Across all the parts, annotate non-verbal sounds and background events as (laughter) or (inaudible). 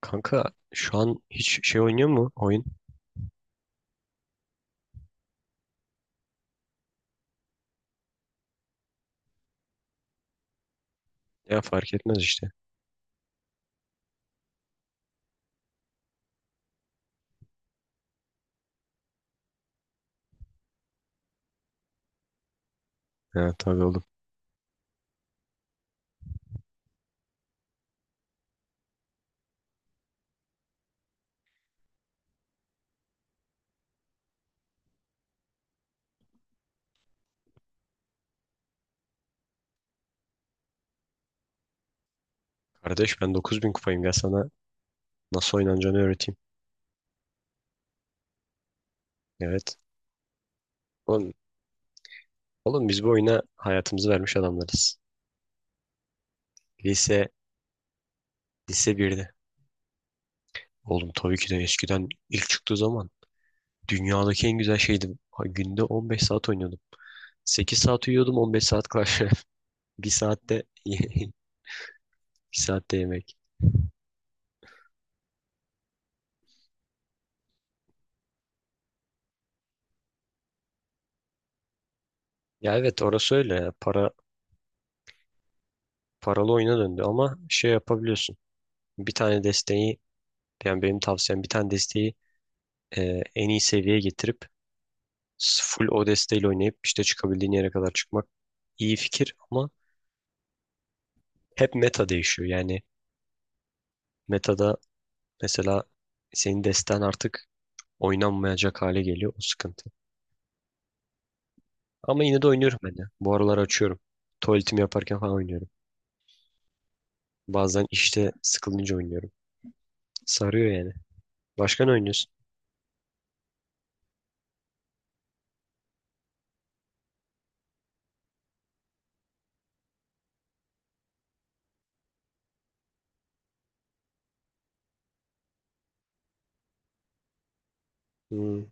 Kanka, şu an hiç şey oynuyor mu oyun? Ya fark etmez işte. Ya tabii oğlum. Kardeş, ben 9.000 kupayım, gel sana nasıl oynanacağını öğreteyim. Evet. Oğlum, oğlum biz bu oyuna hayatımızı vermiş adamlarız. Lise, lise birde oğlum tabii ki de eskiden ilk çıktığı zaman dünyadaki en güzel şeydi. Ha, günde 15 saat oynuyordum. 8 saat uyuyordum, 15 saat Clash Royale. (laughs) Bir saatte (laughs) bir saatte yemek. Ya evet, orası öyle, ya. Paralı oyuna döndü ama şey yapabiliyorsun. Bir tane desteği Yani benim tavsiyem bir tane desteği en iyi seviyeye getirip full o desteğiyle oynayıp işte çıkabildiğin yere kadar çıkmak iyi fikir ama hep meta değişiyor. Yani metada mesela senin desten artık oynanmayacak hale geliyor, o sıkıntı. Ama yine de oynuyorum ben de. Bu aralar açıyorum. Tuvaletimi yaparken falan oynuyorum. Bazen işte sıkılınca oynuyorum. Sarıyor yani. Başka ne oynuyorsun? Hmm.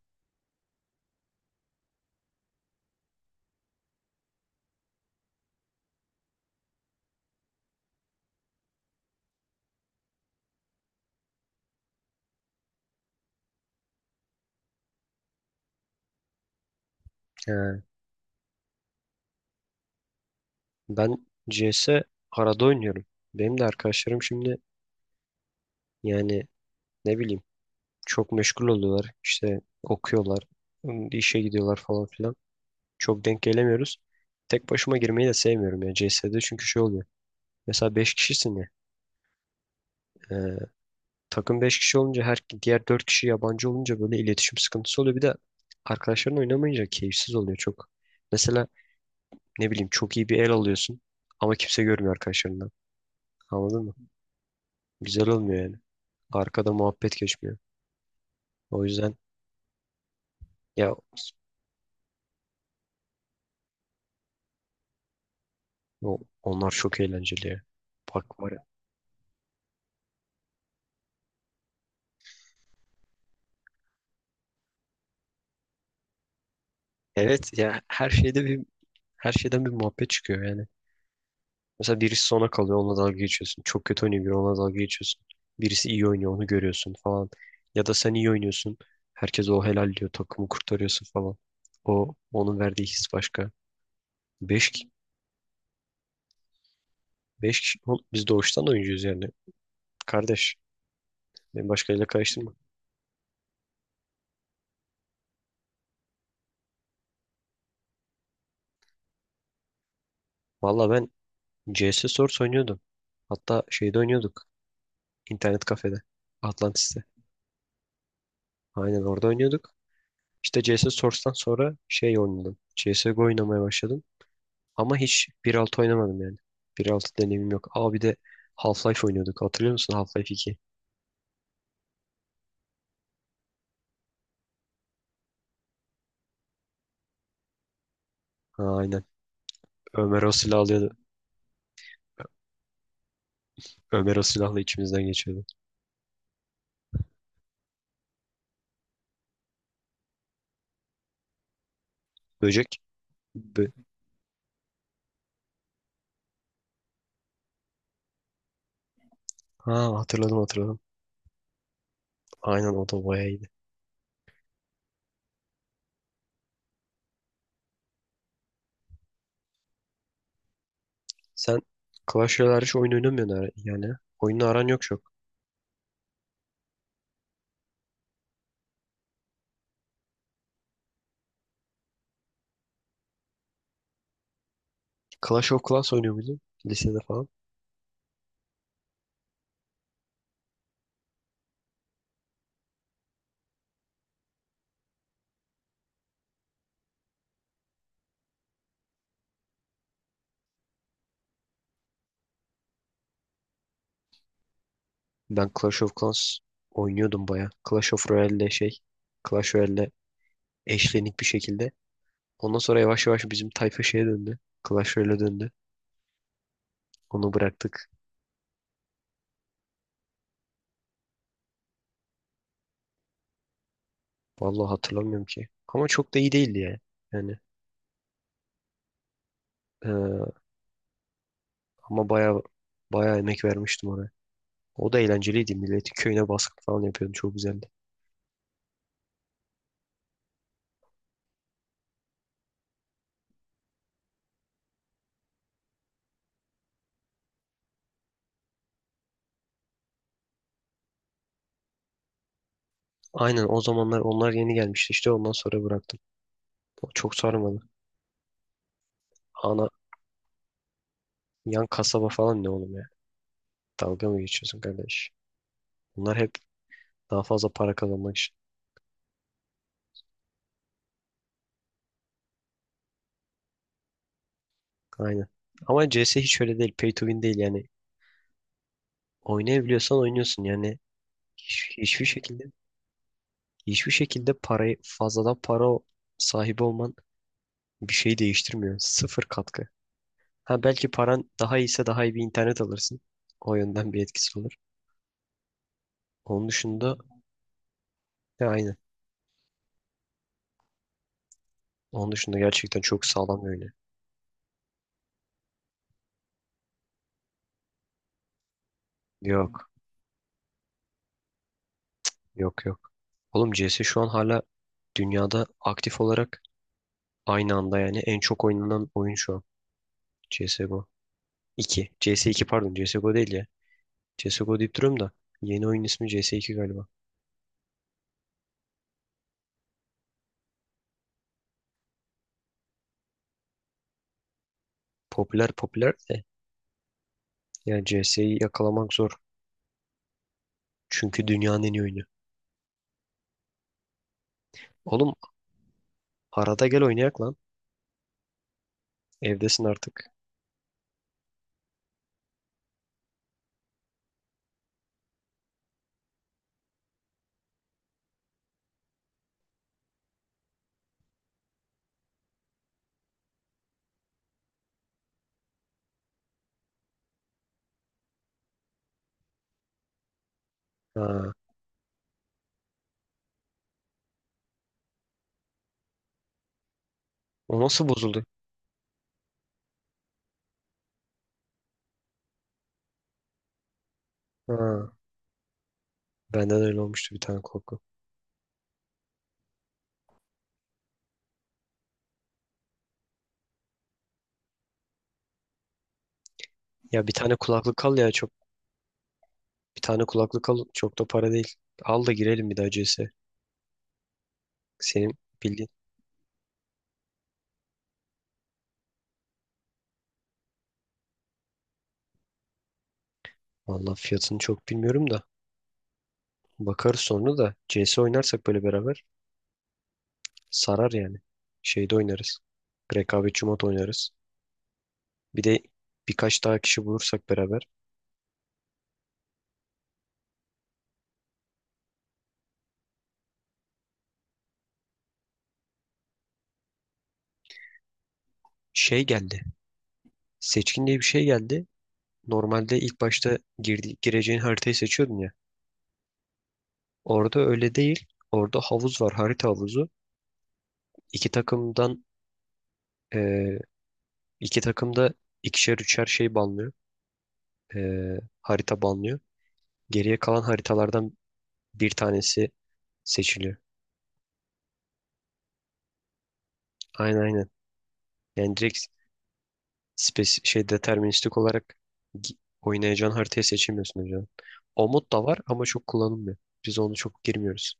He. Ben CS arada oynuyorum. Benim de arkadaşlarım şimdi, yani, ne bileyim, çok meşgul oluyorlar. İşte okuyorlar, işe gidiyorlar falan filan. Çok denk gelemiyoruz. Tek başıma girmeyi de sevmiyorum ya CS'de, çünkü şey oluyor. Mesela 5 kişisin ya. e, takım 5 kişi olunca her diğer 4 kişi yabancı olunca böyle iletişim sıkıntısı oluyor. Bir de arkadaşların oynamayınca keyifsiz oluyor çok. Mesela ne bileyim çok iyi bir el alıyorsun ama kimse görmüyor arkadaşlarından. Anladın mı? Güzel olmuyor yani. Arkada muhabbet geçmiyor. O yüzden ya onlar çok eğlenceli ya. Bak var ya. Evet ya, her şeyde bir, her şeyden bir muhabbet çıkıyor yani. Mesela birisi sona kalıyor, onunla dalga geçiyorsun. Çok kötü oynuyor biri, onunla dalga geçiyorsun. Birisi iyi oynuyor, onu görüyorsun falan. Ya da sen iyi oynuyorsun. Herkes o helal diyor, takımı kurtarıyorsun falan. O, onun verdiği his başka. Beş, ki- beş kişi oğlum, biz doğuştan oyuncuyuz yani. Kardeş, beni başkalarıyla karıştırma. Valla ben CS Source oynuyordum. Hatta şeyde oynuyorduk. İnternet kafede. Atlantis'te. Aynen orada oynuyorduk. İşte CS Source'tan sonra şey oynadım. CSGO oynamaya başladım. Ama hiç 1.6 oynamadım yani. 1.6 deneyimim yok. Aa, bir de Half-Life oynuyorduk. Hatırlıyor musun Half-Life 2? Ha, aynen. Ömer o silahı alıyordu. Ömer o silahla içimizden geçiyordu. Böcek. Bö ha hatırladım hatırladım. Aynen, o da bayağı iyiydi. Sen Clash Royale hariç oyun oynamıyorsun yani. Oyunla aran yok çok. Clash of Clans oynuyor muydun? Lisede falan. Ben Clash of Clans oynuyordum bayağı. Clash of Royale'le şey. Clash Royale'le eşlenik bir şekilde ondan sonra yavaş yavaş bizim tayfa şeye döndü. Clash Royale'e döndü. Onu bıraktık. Vallahi hatırlamıyorum ki. Ama çok da iyi değildi ya. Yani eee, ama baya baya emek vermiştim oraya. O da eğlenceliydi. Milletin köyüne baskın falan yapıyordu. Çok güzeldi. Aynen, o zamanlar onlar yeni gelmişti, işte ondan sonra bıraktım. O çok sarmadı. Ana yan kasaba falan ne oğlum ya? Dalga mı geçiyorsun kardeş? Bunlar hep daha fazla para kazanmak için. Aynen. Ama CS hiç öyle değil. Pay to win değil yani. Oynayabiliyorsan oynuyorsun yani. Hiçbir şekilde hiçbir şekilde parayı fazladan sahibi olman bir şey değiştirmiyor. Sıfır katkı. Ha, belki paran daha iyiyse daha iyi bir internet alırsın. O yönden bir etkisi olur. Onun dışında ya aynı. Onun dışında gerçekten çok sağlam öyle. Yok, yok, yok. Oğlum CS şu an hala dünyada aktif olarak aynı anda yani en çok oynanan oyun şu an. CSGO 2. CS 2, CS 2, pardon, C S G O değil ya. CSGO deyip duruyorum da yeni oyun ismi CS 2 galiba. Popüler popüler de, yani CS'yi yakalamak zor. Çünkü dünyanın en iyi oyunu. Oğlum arada gel oynayak lan. Evdesin artık. Ha. O nasıl bozuldu? Ha. Benden öyle olmuştu bir tane korku. Ya bir tane kulaklık al ya çok. Bir tane kulaklık al, çok da para değil. Al da girelim bir daha CS. Senin bildiğin. Valla fiyatını çok bilmiyorum da. Bakarız, sonra da CS oynarsak böyle beraber sarar yani. Şeyde oynarız. Rekabetçi mod oynarız. Bir de birkaç daha kişi bulursak beraber. Şey geldi. Seçkin diye bir şey geldi. Normalde ilk başta gireceğin haritayı seçiyordun ya. Orada öyle değil. Orada havuz var, harita havuzu. İki takımdan eee, iki takımda ikişer üçer banlıyor. Harita banlıyor. Geriye kalan haritalardan bir tanesi seçiliyor. Aynen, aynen. Yani direkt spes şey deterministik olarak oynayacağın haritayı seçemiyorsun hocam. O mod da var ama çok kullanılmıyor. Biz onu çok girmiyoruz.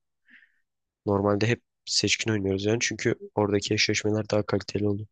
Normalde hep seçkin oynuyoruz yani çünkü oradaki eşleşmeler daha kaliteli oluyor.